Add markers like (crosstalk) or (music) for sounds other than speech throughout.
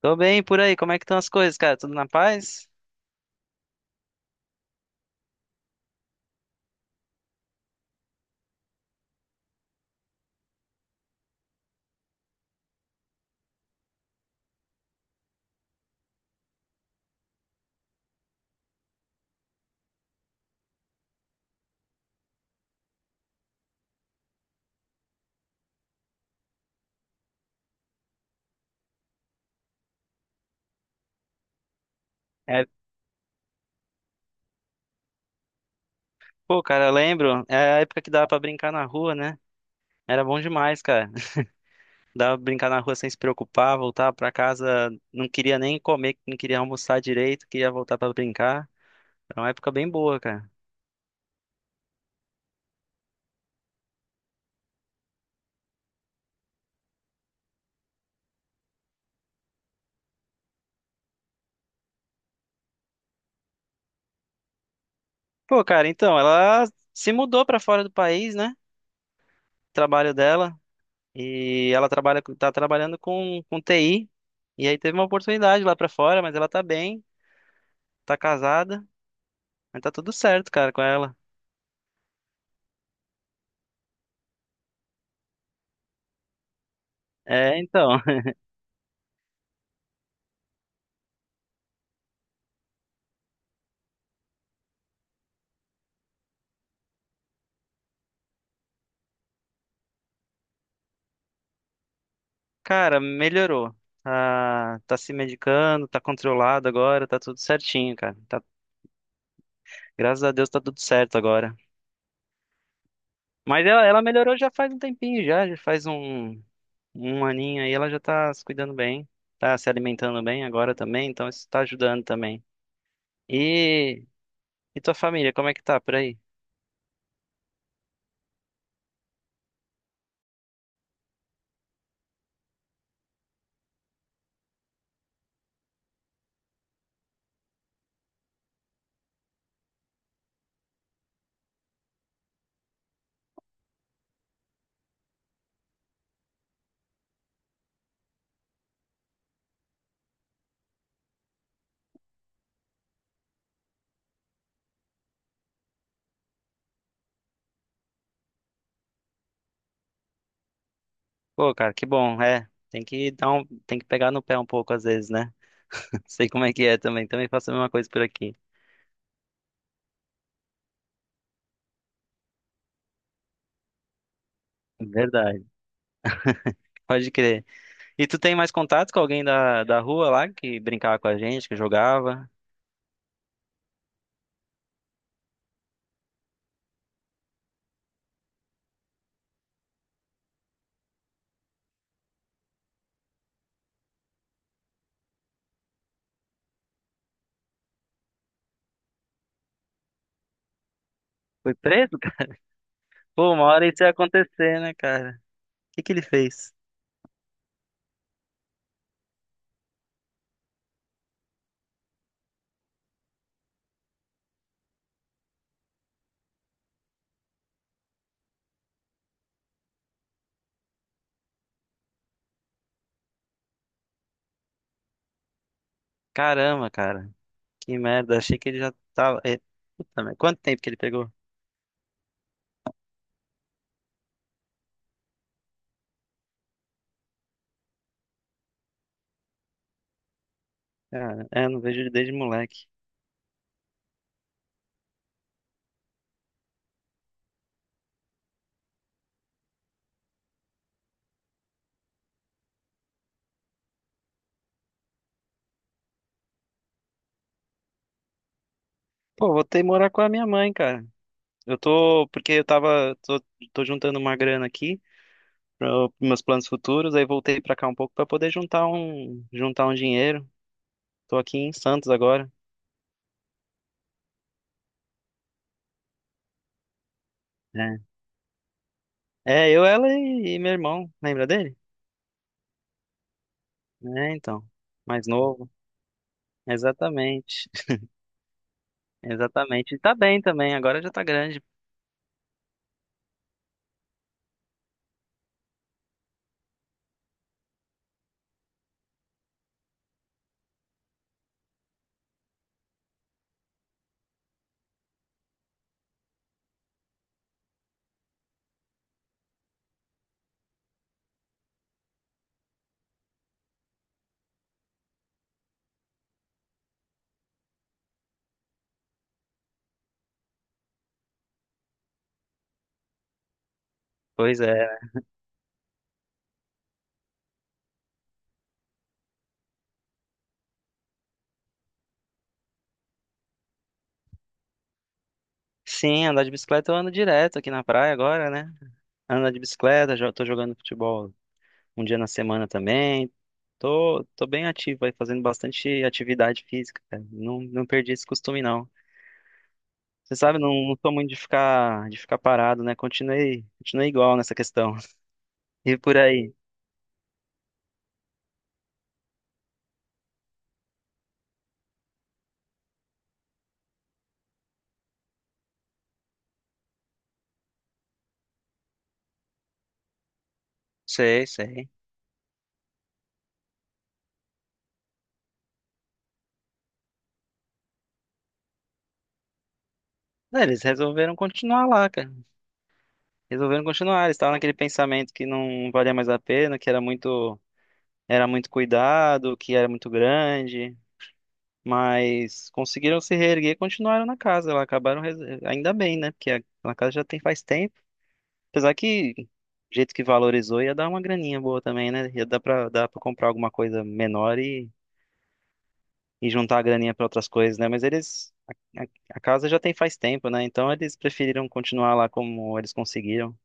Tô bem por aí, como é que estão as coisas, cara? Tudo na paz? É, pô, cara, eu lembro, é a época que dava pra brincar na rua, né? Era bom demais, cara. (laughs) Dava pra brincar na rua sem se preocupar, voltava pra casa, não queria nem comer, não queria almoçar direito, queria voltar pra brincar. Era uma época bem boa, cara. Pô, cara, então, ela se mudou pra fora do país, né? Trabalho dela, e ela trabalha, tá trabalhando com TI, e aí teve uma oportunidade lá pra fora, mas ela tá bem, tá casada, mas tá tudo certo, cara, com ela. É, então. Cara, melhorou. Tá, tá se medicando, tá controlado agora, tá tudo certinho, cara. Tá, graças a Deus tá tudo certo agora. Mas ela melhorou já faz um tempinho já, um aninho aí, ela já tá se cuidando bem, tá se alimentando bem agora também, então isso tá ajudando também. E, e tua família, como é que tá por aí? Pô, cara, que bom, é. Tem que pegar no pé um pouco às vezes, né? (laughs) Sei como é que é também, também faço a mesma coisa por aqui. Verdade, pode crer. E tu tem mais contato com alguém da rua lá que brincava com a gente, que jogava? Foi preso, cara? Pô, uma hora isso ia acontecer, né, cara? O que que ele fez? Caramba, cara. Que merda. Achei que ele já tava. É, Puta merda. Quanto tempo que ele pegou? Cara, é, não vejo ele desde moleque. Pô, vou ter que morar com a minha mãe, cara. Eu tô. Porque eu tava. Tô, Tô juntando uma grana aqui para meus planos futuros. Aí voltei pra cá um pouco pra poder juntar juntar um dinheiro. Tô aqui em Santos agora. É, eu, ela e meu irmão, lembra dele? É, então, mais novo. Exatamente, (laughs) exatamente. E tá bem também, agora já tá grande. Pois é. Sim, andar de bicicleta eu ando direto aqui na praia agora, né? Andar de bicicleta, já tô jogando futebol um dia na semana também. Tô bem ativo aí, fazendo bastante atividade física, cara. Não, não perdi esse costume, não. Você sabe, não, não sou muito de ficar parado, né? Continuei igual nessa questão. (laughs) E por aí. Sei, sei. Não, eles resolveram continuar lá, cara. Resolveram continuar. Eles estavam naquele pensamento que não valia mais a pena, era muito cuidado, que era muito grande. Mas conseguiram se reerguer e continuaram na casa lá. Ainda bem, né? Porque a casa já tem faz tempo. Apesar que, do jeito que valorizou, ia dar uma graninha boa também, né? Dar pra comprar alguma coisa menor e juntar a graninha pra outras coisas, né? Mas eles. A, a a casa já tem faz tempo, né? Então eles preferiram continuar lá como eles conseguiram.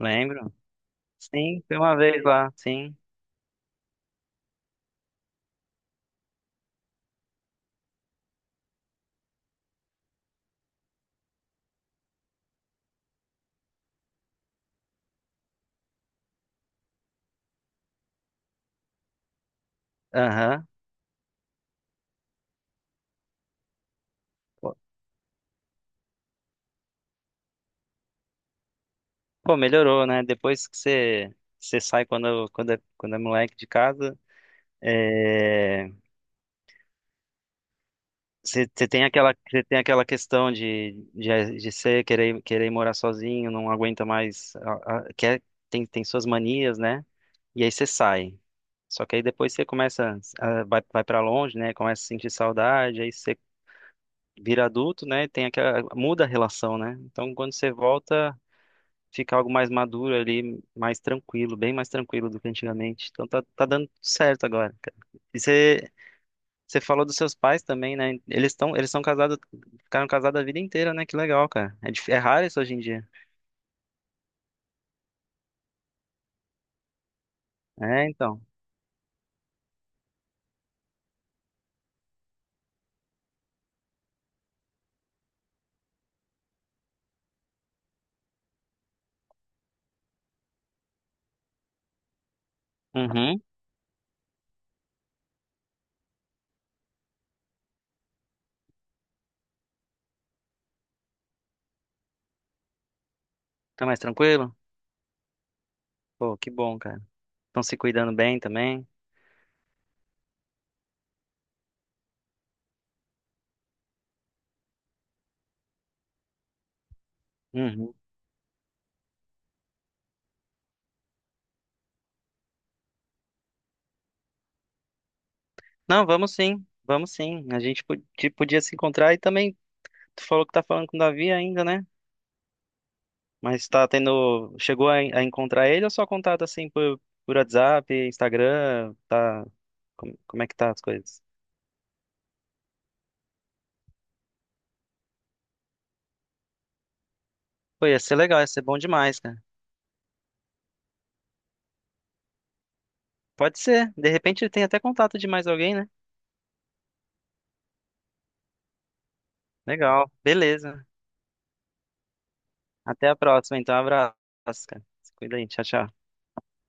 Lembro. Sim, fui uma vez lá, sim. Aham. Pô, pô, melhorou, né? Depois que você, você sai quando é moleque de casa, é, você tem aquela questão de querer morar sozinho, não aguenta mais, quer, tem suas manias, né? E aí você sai. Só que aí depois você começa, vai para longe, né? Começa a sentir saudade, aí você vira adulto, né? Tem aquela, muda a relação, né? Então quando você volta fica algo mais maduro ali, mais tranquilo, bem mais tranquilo do que antigamente. Então tá, tá dando certo agora, cara. E você falou dos seus pais também, né? Eles são casados, ficaram casados a vida inteira, né? Que legal, cara. É, é raro isso hoje em dia. É, então. Uhum. Tá mais tranquilo? Pô, que bom, cara. Estão se cuidando bem também. Uhum. Não, vamos sim. Vamos sim. A gente podia se encontrar e também tu falou que tá falando com o Davi ainda, né? Mas tá tendo. Chegou a encontrar ele ou só contato assim por WhatsApp, Instagram? Tá. Como, como é que tá as coisas? Pô, ia ser legal, ia ser bom demais, cara. Pode ser. De repente ele tem até contato de mais alguém, né? Legal. Beleza. Até a próxima, então. Abraço, cara. Se cuida aí. Tchau, tchau.